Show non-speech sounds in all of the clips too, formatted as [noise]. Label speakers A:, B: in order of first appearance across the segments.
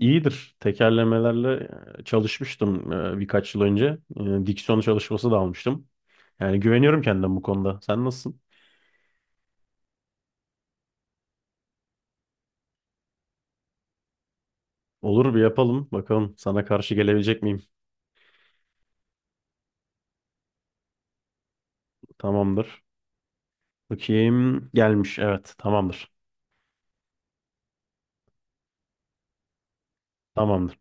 A: İyidir. Tekerlemelerle çalışmıştım, birkaç yıl önce. Diksiyon çalışması da almıştım. Yani güveniyorum kendime bu konuda. Sen nasılsın? Olur, bir yapalım. Bakalım sana karşı gelebilecek miyim? Tamamdır. Bakayım. Gelmiş. Evet. Tamamdır. Tamamdır.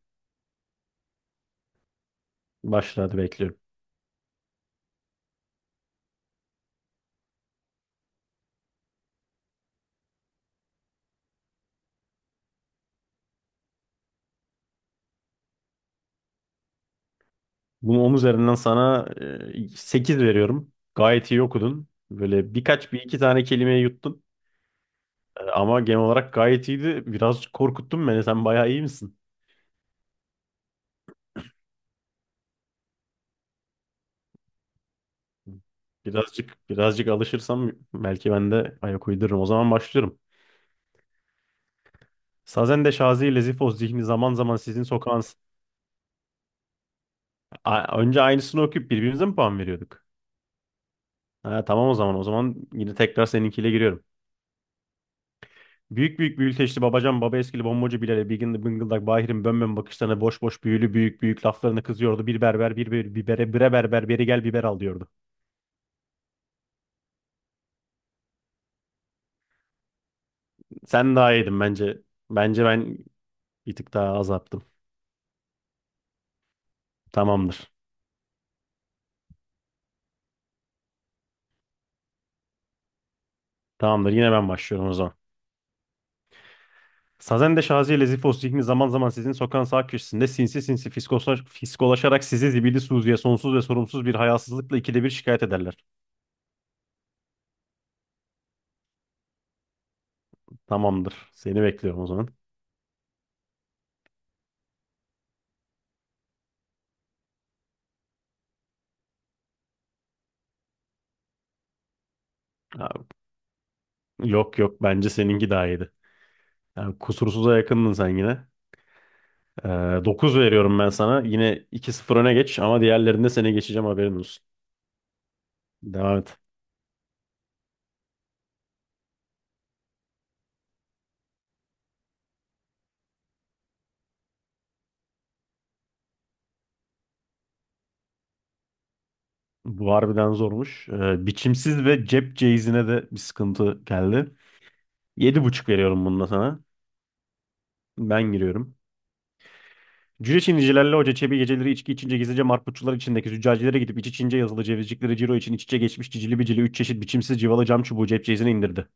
A: Başla hadi, bekliyorum. Bunu 10 üzerinden sana 8 veriyorum. Gayet iyi okudun. Böyle birkaç bir iki tane kelimeyi yuttun. Ama genel olarak gayet iyiydi. Biraz korkuttun beni. Sen bayağı iyi misin? Birazcık alışırsam belki ben de ayak uydururum. O zaman başlıyorum. Sazen de Şazi ile Zifoz zihni zaman zaman sizin sokağın... Önce aynısını okuyup birbirimize mi puan veriyorduk? Ha, tamam o zaman. O zaman yine tekrar seninkiyle giriyorum. Büyük büyük büyülteçli babacan baba eskili bombacı Bilal'e bigin bıngıldak Bahir'in bönbön bakışlarına boş boş büyülü büyük büyük laflarına kızıyordu. Bir berber bir bibere bire berber beri gel biber al diyordu. Sen daha iyiydin bence. Bence ben bir tık daha az yaptım. Tamamdır. Tamamdır, yine ben başlıyorum o zaman. Sazen de Şazi ile Zifos zihni zaman zaman sizin sokağın sağ köşesinde sinsi sinsi fiskolaşarak sizi zibidi Suzi'ye sonsuz ve sorumsuz bir hayasızlıkla ikide bir şikayet ederler. Tamamdır. Seni bekliyorum o zaman. Ya, yok, bence seninki daha iyiydi. Yani kusursuza yakındın sen yine. Ee, 9 veriyorum ben sana. Yine iki 0 öne geç ama diğerlerinde seni geçeceğim, haberin olsun. Devam et. Bu harbiden zormuş. Biçimsiz ve cep ceizine de bir sıkıntı geldi. Yedi buçuk veriyorum bununla sana. Ben giriyorum. Cüce Çinicilerle Hoca Çebi geceleri içki içince gizlice marputçular içindeki züccacilere gidip iç içince yazılı cevizcikleri ciro için iç içe geçmiş cicili bicili üç çeşit biçimsiz civalı cam çubuğu cep ceyizine indirdi.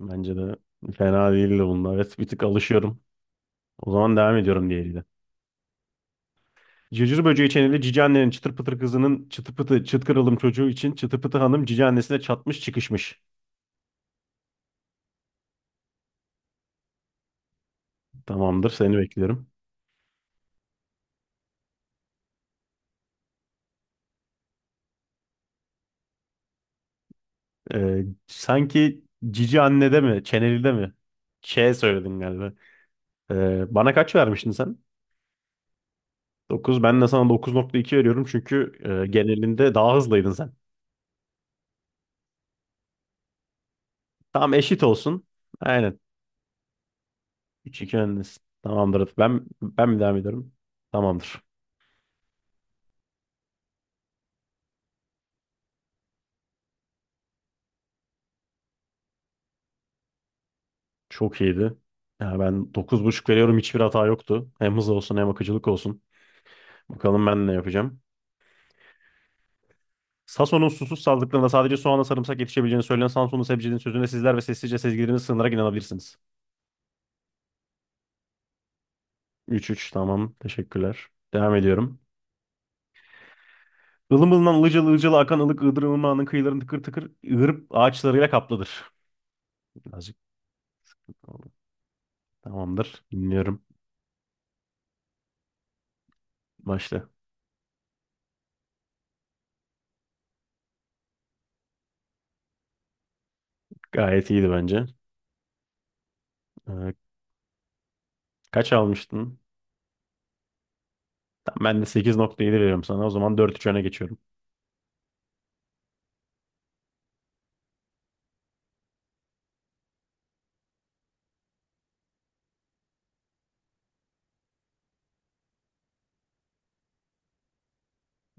A: Bence de fena değildi bunlar. Evet, bir tık alışıyorum. O zaman devam ediyorum diğeriyle. Cırcır böceği çeneli cici annenin çıtır pıtır kızının çıtı pıtı çıt kırılım çocuğu için çıtı pıtı hanım cici annesine çatmış çıkışmış. Tamamdır, seni bekliyorum. Sanki cici annede mi, çenelide mi? Ç söyledin galiba. Bana kaç vermiştin sen? Dokuz. Ben de sana dokuz nokta iki veriyorum çünkü genelinde daha hızlıydın sen. Tamam, eşit olsun. Aynen. Üç iki öndesin. Tamamdır. Ben mi devam ediyorum? Tamamdır. Çok iyiydi. Ya ben dokuz buçuk veriyorum. Hiçbir hata yoktu. Hem hız olsun hem akıcılık olsun. Bakalım ben ne yapacağım. Sason'un susuz sazlıklarında sadece soğanla sarımsak yetişebileceğini söyleyen Samsunlu sebzecinin sözüne sizler ve sessizce sezgilerinizi sığınarak inanabilirsiniz. Üç üç, tamam. Teşekkürler. Devam ediyorum. Ilım ılınan ılıcalı ılıcalı akan ılık ığdır ılımağının kıyılarını tıkır tıkır ığırıp ağaçlarıyla kaplıdır. Birazcık tamamdır. Dinliyorum. Başla. Gayet iyiydi bence. Ee, Kaç almıştın? Tamam, ben de 8.7 veriyorum sana. O zaman dört 3 öne geçiyorum.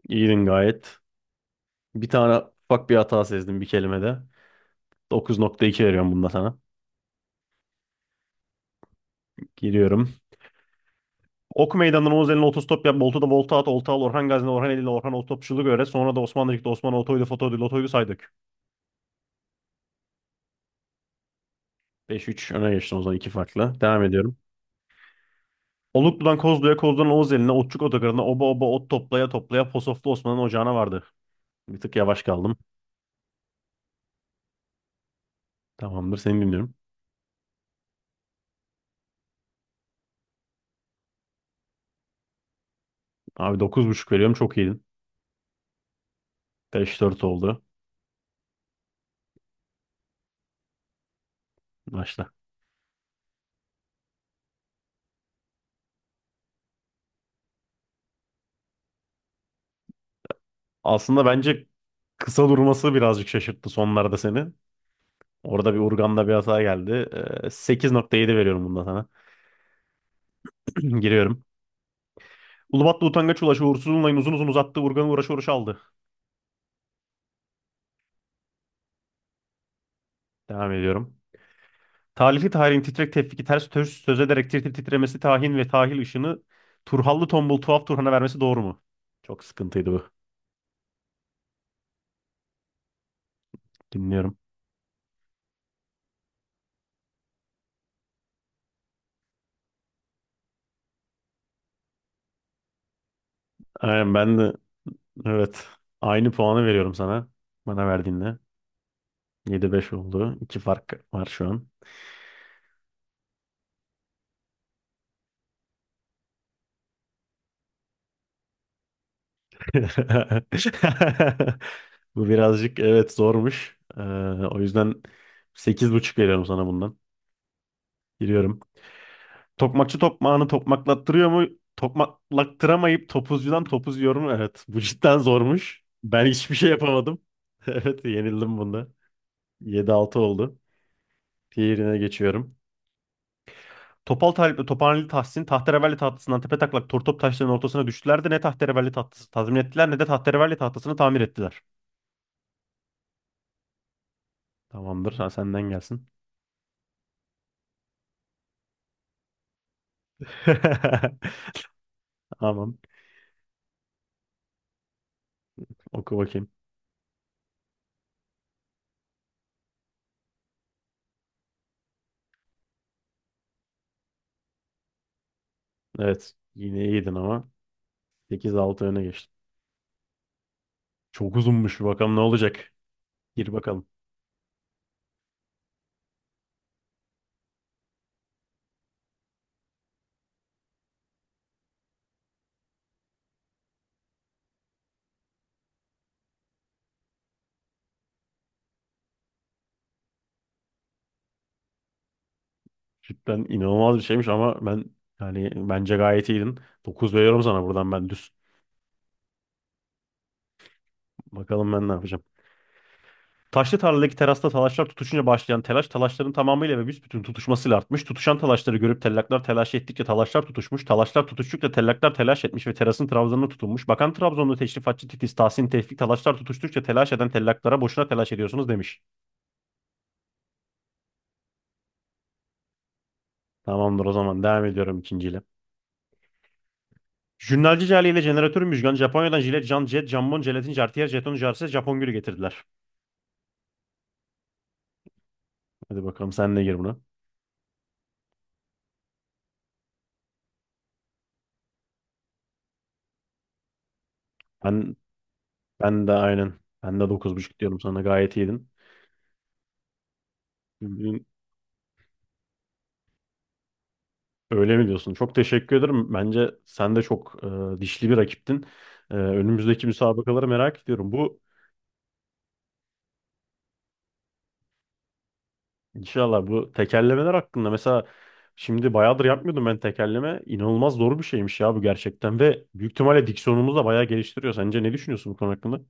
A: İyiydin gayet. Bir tane ufak bir hata sezdim bir kelimede. 9.2 veriyorum bunda sana. Giriyorum. Ok meydanından Oğuz eline otostop yap. Boltu'da volta at. Olta al. Orhan Gazi'ne Orhan Eli'yle Orhan Otostopçuluk öğret. Sonra da Osmanlıcık'ta Osman Otoydu Fotoydu Lotoydu say dök. Beş üç öne geçtim o zaman. İki farklı. Devam ediyorum. Oluklu'dan Kozlu'ya, Kozlu'dan Oğuz eline, Otçuk Otogarı'na, oba oba ot toplaya toplaya Posoflu Osman'ın ocağına vardı. Bir tık yavaş kaldım. Tamamdır, seni dinliyorum. Abi dokuz buçuk veriyorum, çok iyiydin. 5-4 oldu. Başla. Aslında bence kısa durması birazcık şaşırttı sonlarda seni. Orada bir Urgan'da bir hata geldi. 8.7 veriyorum bunda sana. [clears throat] Giriyorum. Ulubatlı utangaç ulaşı uğursuz unlayın uzun uzun uzattı. Urgan'ı uğraşı uğraşı aldı. Devam ediyorum. Talifi tarihin titrek tevfiki ters töz söz ederek tir tir titremesi tahin ve tahil ışını Turhallı tombul tuhaf Turhan'a vermesi doğru mu? Çok sıkıntıydı bu. Dinliyorum. Aynen, ben de evet aynı puanı veriyorum sana. Bana verdiğinle. 7-5 oldu. 2 fark var şu an. [laughs] Bu birazcık evet zormuş. O yüzden sekiz buçuk veriyorum sana bundan. Giriyorum. Tokmakçı tokmağını tokmaklattırıyor mu? Tokmaklattıramayıp topuzcudan topuz yiyor mu? Evet. Bu cidden zormuş. Ben hiçbir şey yapamadım. [laughs] Evet, yenildim bunda. Yedi altı oldu. Diğerine geçiyorum. Topal Talip'le Topaneli Tahsin tahterevalli tahtasından tepe taklak tortop taşlarının ortasına düştüler de ne tahterevalli tahtası tazmin ettiler ne de tahterevalli tahtasını tamir ettiler. Tamamdır. Sen senden gelsin. [laughs] Tamam. Oku bakayım. Evet. Yine iyiydin ama sekiz altı öne geçtin. Çok uzunmuş. Bakalım ne olacak. Gir bakalım. Cidden inanılmaz bir şeymiş ama ben, yani bence gayet iyiydin. 9 veriyorum sana buradan ben düz. Bakalım ben ne yapacağım. Taşlı tarladaki terasta talaşlar tutuşunca başlayan telaş talaşların tamamıyla ve büsbütün tutuşmasıyla artmış. Tutuşan talaşları görüp tellaklar telaş ettikçe talaşlar tutuşmuş. Talaşlar tutuştukça tellaklar telaş etmiş ve terasın trabzanına tutunmuş. Bakan Trabzonlu teşrifatçı Titiz Tahsin Tevfik talaşlar tutuştukça telaş eden tellaklara boşuna telaş ediyorsunuz demiş. Tamamdır, o zaman devam ediyorum ikinciyle. Jünnalci Cale ile jeneratör Müjgan Japonya'dan jilet, can, jet, jambon, jelatin, jartiyer, jeton, jarse, Japon gülü getirdiler. Hadi bakalım, sen de gir buna. Ben ben de aynen. Ben de dokuz buçuk diyorum, sana gayet iyiydin. Bugün öyle mi diyorsun? Çok teşekkür ederim. Bence sen de çok dişli bir rakiptin. Önümüzdeki müsabakaları merak ediyorum. İnşallah bu tekerlemeler hakkında, mesela şimdi bayağıdır yapmıyordum ben tekerleme. İnanılmaz zor bir şeymiş ya bu gerçekten ve büyük ihtimalle diksiyonumuzu da bayağı geliştiriyor. Sence ne düşünüyorsun bu konu hakkında?